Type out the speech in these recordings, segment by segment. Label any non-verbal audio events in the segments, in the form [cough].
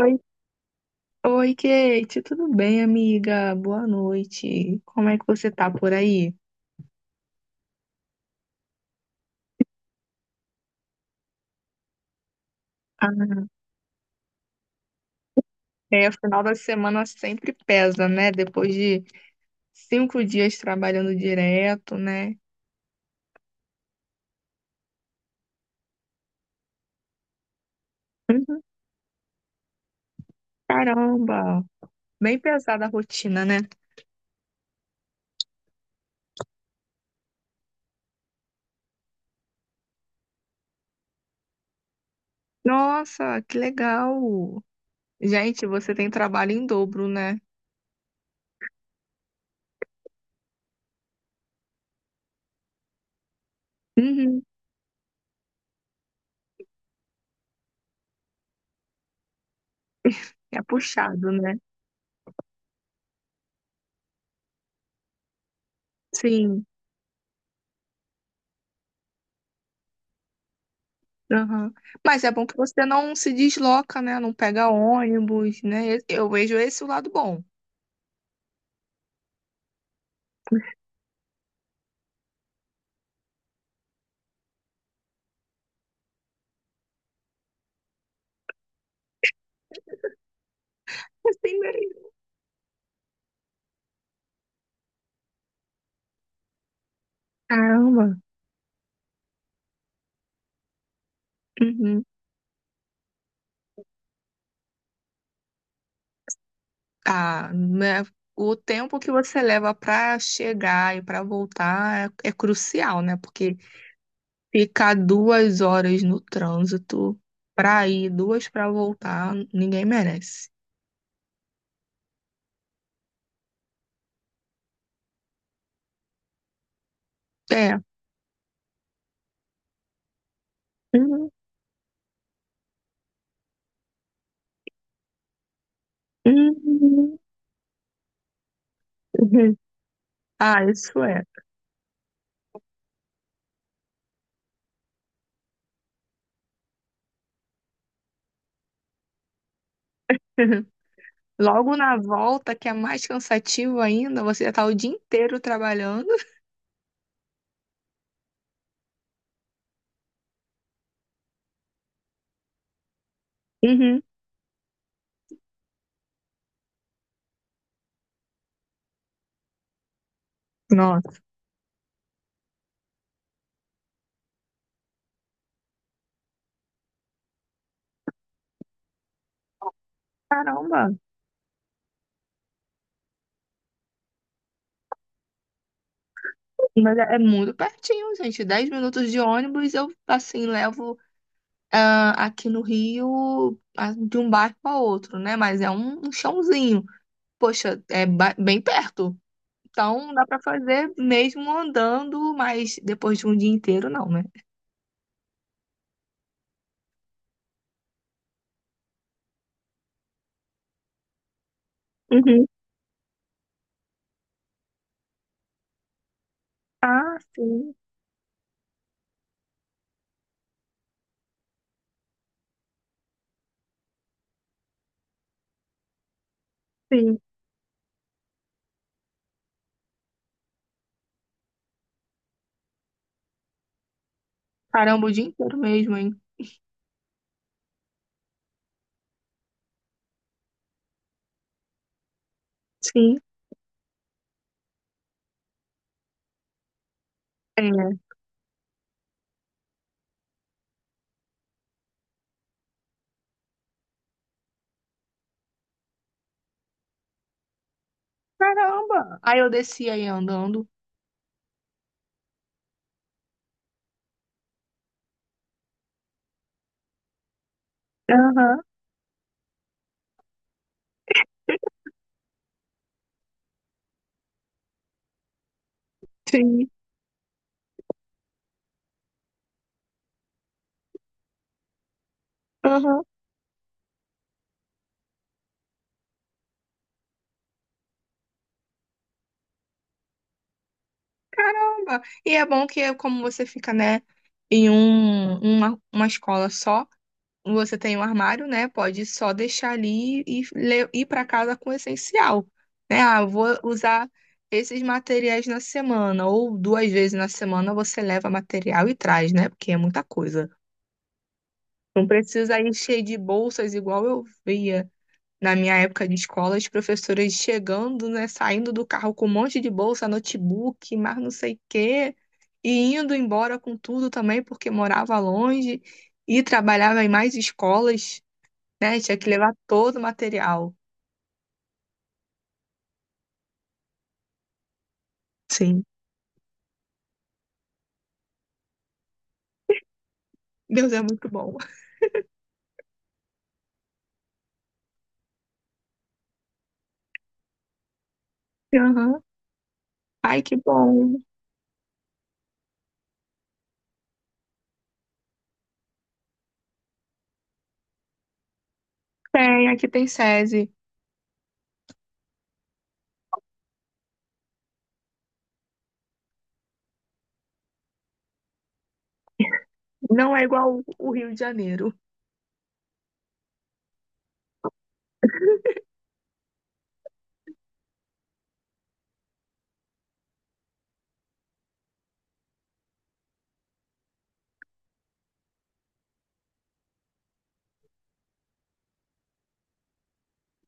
Oi, oi, Kate, tudo bem, amiga? Boa noite. Como é que você tá por aí? Ah, é, final da semana sempre pesa, né? Depois de 5 dias trabalhando direto, né? Uhum. Caramba, bem pesada a rotina, né? Nossa, que legal! Gente, você tem trabalho em dobro, né? Uhum. É puxado, né? Sim. Aham. Mas é bom que você não se desloca, né? Não pega ônibus, né? Eu vejo esse o lado bom. Assim, né? Caramba. Uhum. Ah, né? O tempo que você leva para chegar e para voltar é crucial, né? Porque ficar 2 horas no trânsito para ir, duas para voltar, ninguém merece. É. Uhum. [laughs] Uhum. Uhum. Ah, isso é. [laughs] Logo na volta, que é mais cansativo ainda, você já tá o dia inteiro trabalhando. Uhum. Nossa, caramba. Mas é muito pertinho, gente. 10 minutos de ônibus eu, assim, levo aqui no Rio de um bairro a outro, né? Mas é um chãozinho. Poxa, é bem perto. Então dá pra fazer mesmo andando, mas depois de um dia inteiro, não, né? Uhum. Ah, sim, sim. Caramba, o dia inteiro mesmo, hein? Sim. É. Caramba! Aí eu descia aí andando. Aham, sim. Aham. Caramba! E é bom que é como você fica, né, em um, uma escola só, você tem um armário, né? Pode só deixar ali e ir para casa com o essencial, né? Ah, eu vou usar esses materiais na semana, ou 2 vezes na semana você leva material e traz, né? Porque é muita coisa. Não precisa ir cheio de bolsas igual eu via. Na minha época de escola, as professoras chegando, né, saindo do carro com um monte de bolsa, notebook, mas não sei o quê, e indo embora com tudo também, porque morava longe e trabalhava em mais escolas, né? Tinha que levar todo o material. Sim. Deus é muito bom. [laughs] Aham. Ai, que bom. Tem, aqui tem SESI. Não é igual o Rio de Janeiro.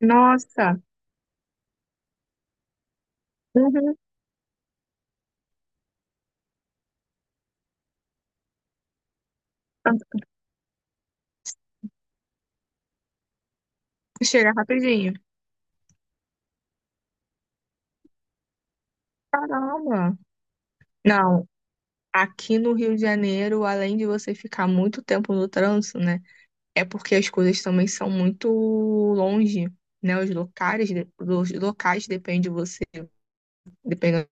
Nossa. Uhum. Chega rapidinho. Caramba. Não. Aqui no Rio de Janeiro, além de você ficar muito tempo no trânsito, né? É porque as coisas também são muito longe, né? Os locais, os locais depende de você, dependendo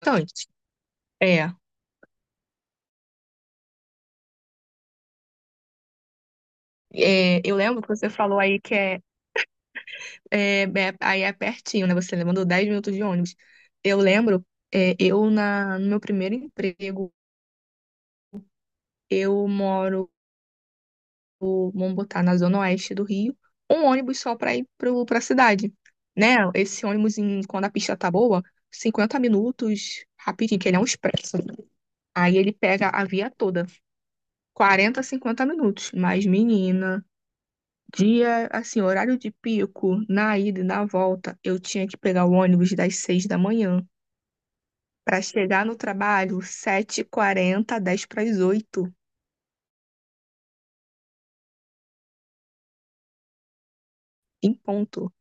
bastante. É, é, eu lembro que você falou aí que aí é pertinho, né? Você mandou 10 minutos de ônibus. Eu lembro, é, eu no meu primeiro emprego, eu moro, vamos botar, na zona oeste do Rio, um ônibus só para ir para a cidade, né? Esse ônibus, quando a pista tá boa, 50 minutos, rapidinho, que ele é um expresso. Aí ele pega a via toda, 40, 50 minutos. Mas, menina, dia, assim, horário de pico, na ida e na volta, eu tinha que pegar o ônibus das 6 da manhã para chegar no trabalho sete h 40 10 para as 8, em ponto.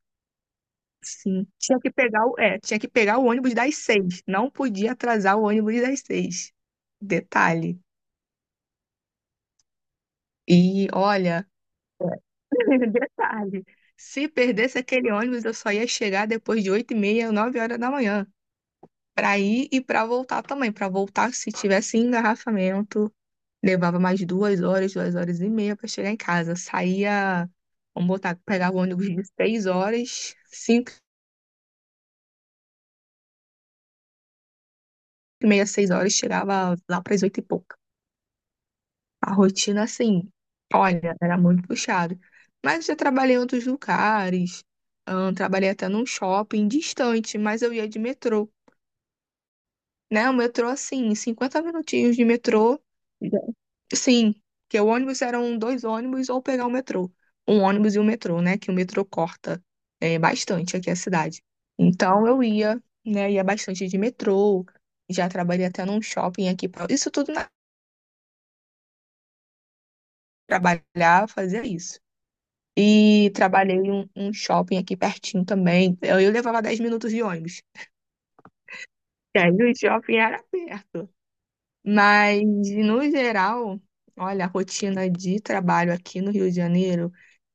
Sim, tinha que pegar o ônibus das seis. Não podia atrasar o ônibus das 6. Detalhe. E olha, [laughs] detalhe. Se perdesse aquele ônibus, eu só ia chegar depois de 8h30, 9 horas da manhã. Pra ir e pra voltar também. Pra voltar, se tivesse engarrafamento, levava mais 2 horas, 2 horas e meia pra chegar em casa. Saía, vamos botar, pegava o ônibus de 6 horas, 5h30, 6 horas, chegava lá pras oito e pouco. A rotina, assim, olha, era muito puxado. Mas eu trabalhei em outros lugares, trabalhei até num shopping distante, mas eu ia de metrô, né? O metrô, assim, 50 minutinhos de metrô. Já- Sim, porque o ônibus eram 2 ônibus ou pegar o metrô. Um ônibus e um metrô, né? Que o metrô corta bastante aqui a cidade. Então eu ia, né? Ia bastante de metrô, já trabalhei até num shopping aqui. Isso tudo na trabalhar, fazia isso. E trabalhei em um shopping aqui pertinho também. Eu levava 10 minutos de ônibus. E aí o shopping era perto. Mas, no geral, olha, a rotina de trabalho aqui no Rio de Janeiro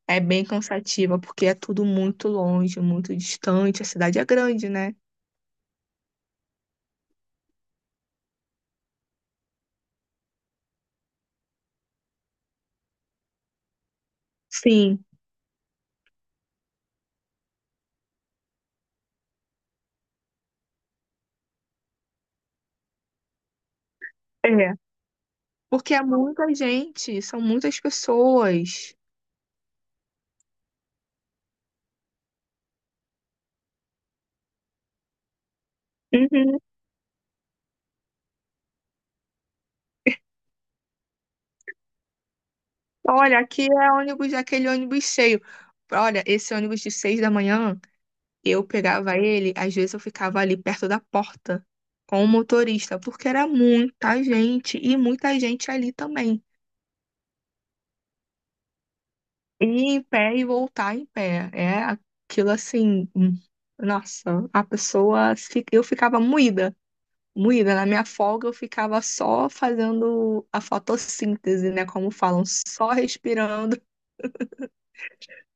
é bem cansativa, porque é tudo muito longe, muito distante. A cidade é grande, né? Sim, é. Porque é muita gente, são muitas pessoas. Uhum. Olha, aqui é ônibus, aquele ônibus cheio. Olha, esse ônibus de 6 da manhã. Eu pegava ele, às vezes eu ficava ali perto da porta com o motorista, porque era muita gente e muita gente ali também. Ir em pé e voltar em pé. É aquilo assim, nossa, a pessoa, eu ficava moída, moída. Na minha folga eu ficava só fazendo a fotossíntese, né, como falam, só respirando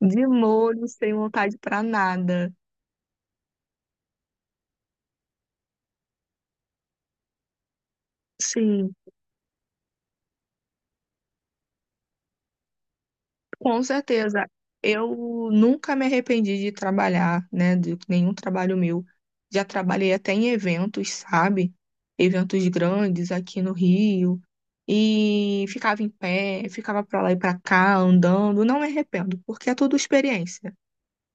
de molho, sem vontade pra nada. Sim. Com certeza. Eu nunca me arrependi de trabalhar, né? De nenhum trabalho meu. Já trabalhei até em eventos, sabe? Eventos grandes aqui no Rio. E ficava em pé, ficava pra lá e pra cá, andando. Não me arrependo, porque é tudo experiência,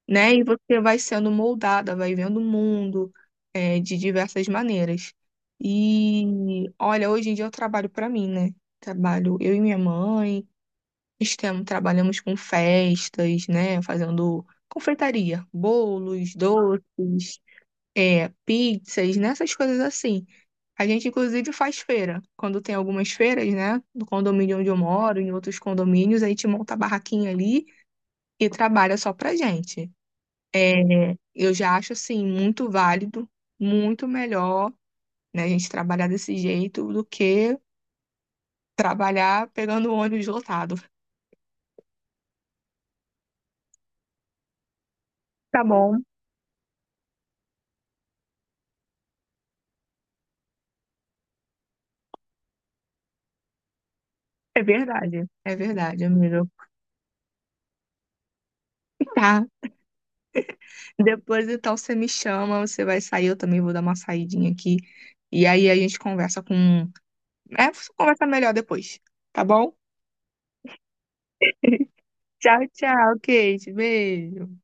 né? E você vai sendo moldada, vai vendo o mundo, de diversas maneiras. E olha, hoje em dia eu trabalho pra mim, né? Trabalho eu e minha mãe. Trabalhamos com festas, né? Fazendo confeitaria, bolos, doces, pizzas, né? Essas coisas assim. A gente, inclusive, faz feira. Quando tem algumas feiras, né? No condomínio onde eu moro, em outros condomínios, a gente monta a barraquinha ali e trabalha só pra gente. É, eu já acho, assim, muito válido, muito melhor, né? A gente trabalhar desse jeito do que trabalhar pegando o ônibus lotado. Tá bom, é verdade. É verdade, amigo. Tá. Depois então você me chama, você vai sair, eu também vou dar uma saidinha aqui. E aí a gente conversa com. É, conversa melhor depois, tá bom? Tchau, tchau, Kate. Beijo.